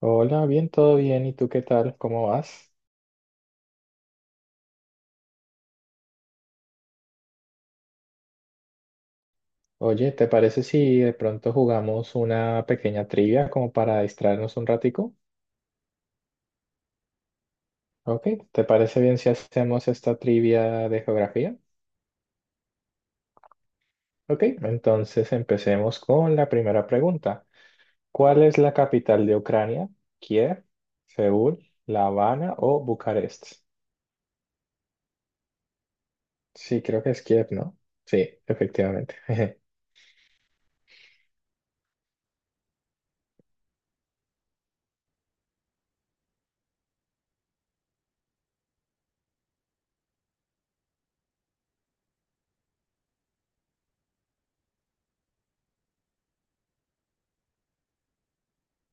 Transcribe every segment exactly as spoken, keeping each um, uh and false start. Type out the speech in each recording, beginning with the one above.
Hola, bien, todo bien. ¿Y tú qué tal? ¿Cómo vas? Oye, ¿te parece si de pronto jugamos una pequeña trivia como para distraernos un ratico? Ok, ¿te parece bien si hacemos esta trivia de geografía? Ok, entonces empecemos con la primera pregunta. ¿Cuál es la capital de Ucrania? ¿Kiev, Seúl, La Habana o Bucarest? Sí, creo que es Kiev, ¿no? Sí, efectivamente.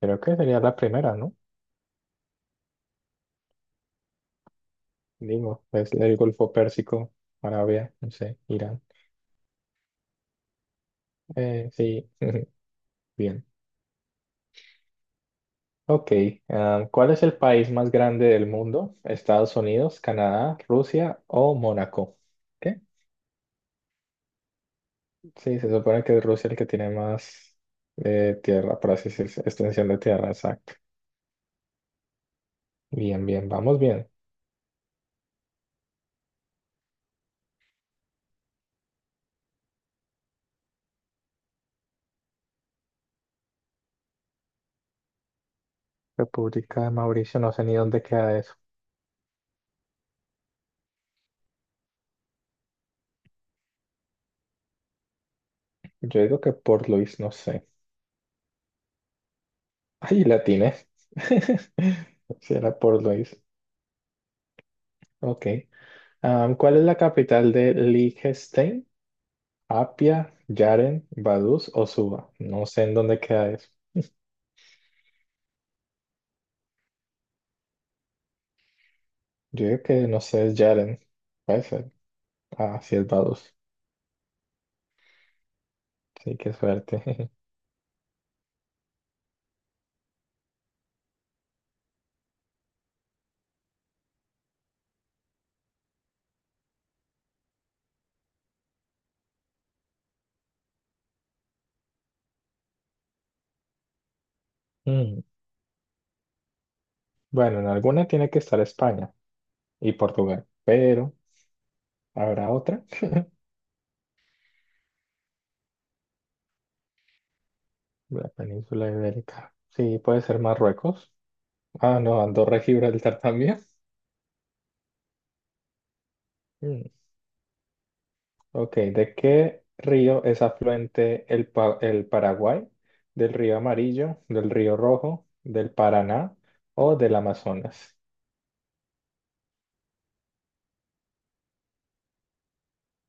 Creo que sería la primera, ¿no? Digo, es el Golfo Pérsico, Arabia, no sé, Irán. Eh, sí, bien. Ok, ah, ¿cuál es el país más grande del mundo? ¿Estados Unidos, Canadá, Rusia o Mónaco? ¿Qué? Sí, se supone que es Rusia el que tiene más eh, tierra, por así decirse, extensión de tierra, exacto. Bien, bien, vamos bien. República de Mauricio, no sé ni dónde queda eso. Yo digo que Port Louis, no sé. Ay, la tiene. Sí, era Port Louis. Ok. Am, ¿cuál es la capital de Liechtenstein? Apia, Yaren, Vaduz o Suba. No sé en dónde queda eso. Yo digo que no sé, es Yaren. Puede ser. Ah, sí, es Vaduz. Sí, qué suerte. Mm. Bueno, en alguna tiene que estar España y Portugal, pero ¿habrá otra? La península ibérica. Sí, puede ser Marruecos. Ah, no, Andorra y Gibraltar también. Mm, Ok, ¿de qué río es afluente el, Pa- el Paraguay? ¿Del río Amarillo, del río Rojo, del Paraná o del Amazonas?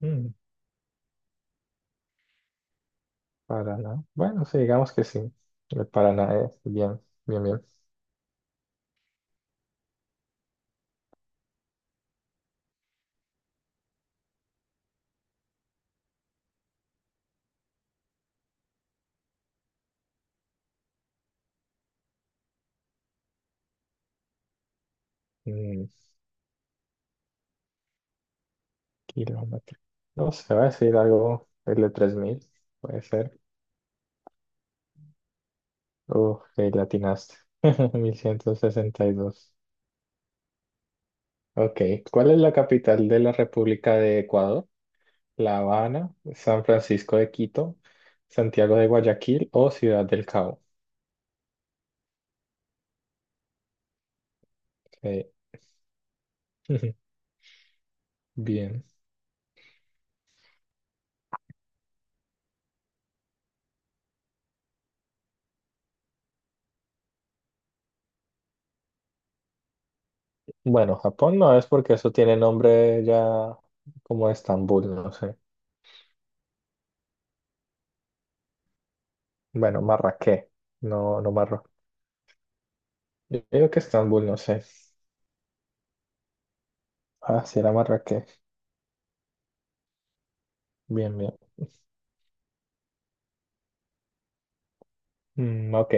Mm, Paraná. Bueno, sí, digamos que sí. El Paraná es bien, bien, bien. Mm, kilómetro. No sé, va a decir algo el de tres mil, puede ser. Uf, que latinaste. Mil ciento sesenta y dos. Ok, ¿cuál es la capital de la República de Ecuador? La Habana, San Francisco de Quito, Santiago de Guayaquil o Ciudad del Cabo. Eh, Bien. Bueno, Japón no es porque eso tiene nombre ya como Estambul, no sé. Bueno, Marrakech, no, no Marro. Yo digo que Estambul, no sé. Ah, sí era Marrakech. Bien, bien. Mm, ok,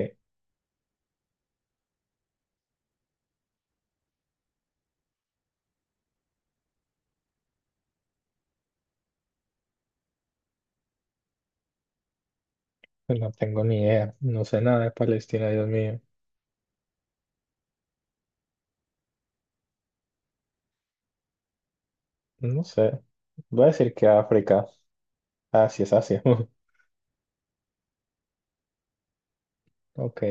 no tengo ni idea. No sé nada de Palestina, Dios mío. No sé. Voy a decir que África. Ah, sí es Asia. Ok.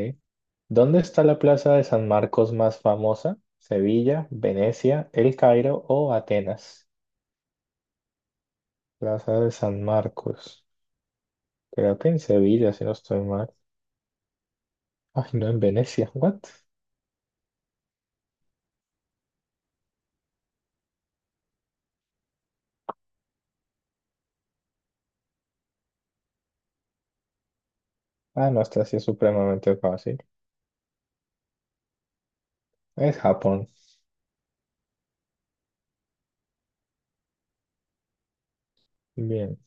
¿Dónde está la plaza de San Marcos más famosa? ¿Sevilla, Venecia, El Cairo o Atenas? Plaza de San Marcos. Creo que en Sevilla, si no estoy mal. Ay, no, en Venecia. ¿What? Ah, no, esta sí es supremamente fácil. Es Japón. Bien.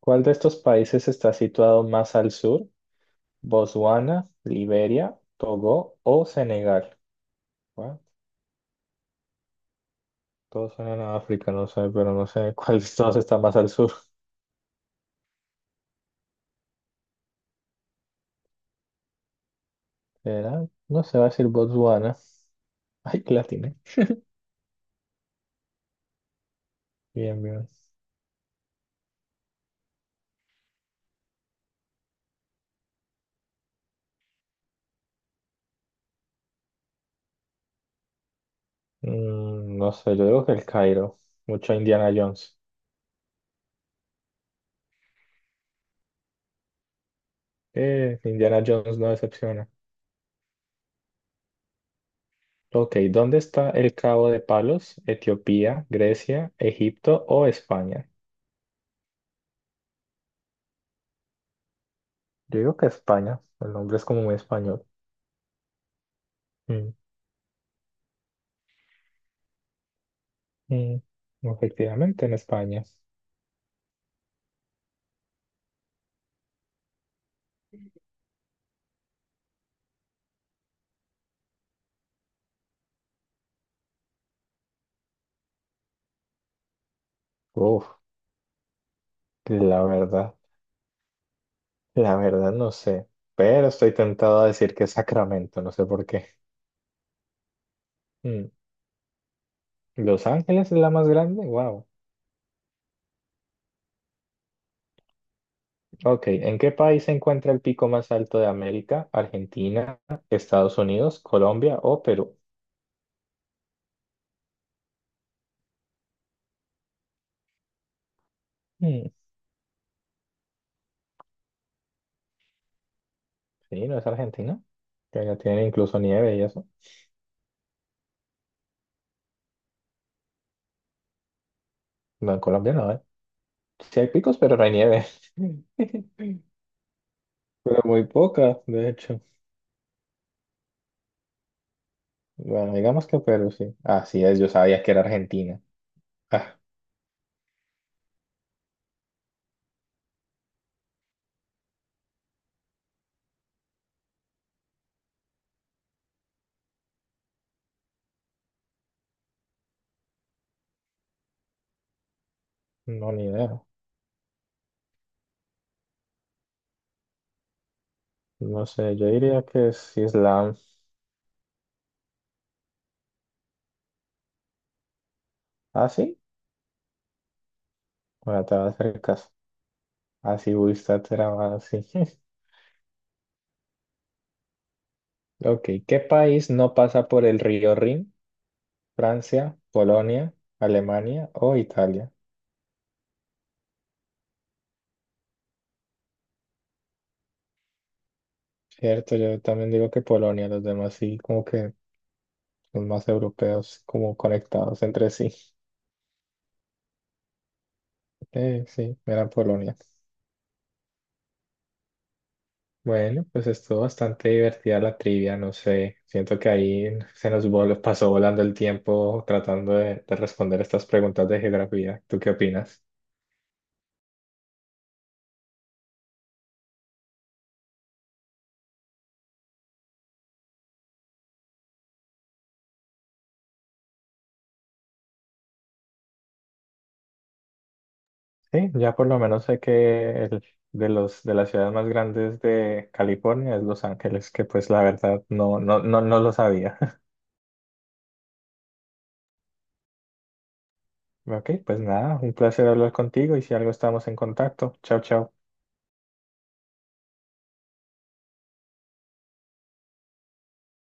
¿Cuál de estos países está situado más al sur? ¿Botswana, Liberia, Togo o Senegal? What? Todos suenan a África, no sé. Pero no sé cuál de todos está más al sur. ¿Será? No se va a decir Botswana. Ay, que la tiene. Bien, bien. Mm, no sé, yo digo que el Cairo. Mucho Indiana Jones. Eh, Indiana Jones no decepciona. Ok, ¿dónde está el Cabo de Palos? ¿Etiopía, Grecia, Egipto o España? Yo digo que España. El nombre es como muy español. Mm, mm. Efectivamente, en España. Uf, la verdad, la verdad no sé. Pero estoy tentado a decir que es Sacramento, no sé por qué. Mm. Los Ángeles es la más grande, wow. Ok, ¿en qué país se encuentra el pico más alto de América? ¿Argentina, Estados Unidos, Colombia o Perú? Mm, sí, no es Argentina, que ya tienen incluso nieve y eso. No, en Colombia no, ¿eh? Sí hay picos, pero no hay nieve. Pero muy poca, de hecho. Bueno, digamos que Perú, sí. Así es, yo sabía que era Argentina. Ah, no, ni idea. No sé, yo diría que es Islam. ¿Ah, sí? Bueno, te vas a hacer caso. Así, Wistat era más así. Ok, ¿qué país no pasa por el río Rin? ¿Francia, Polonia, Alemania o Italia? Cierto, yo también digo que Polonia, los demás sí, como que son más europeos, como conectados entre sí. Eh, sí, era Polonia. Bueno, pues estuvo bastante divertida la trivia, no sé, siento que ahí se nos vol- pasó volando el tiempo tratando de de responder estas preguntas de geografía. ¿Tú qué opinas? Sí, ya por lo menos sé que el- de los de las ciudades más grandes de California es Los Ángeles, que pues la verdad no, no, no, no lo sabía. Ok, pues nada, un placer hablar contigo y si algo estamos en contacto. Chao, chao.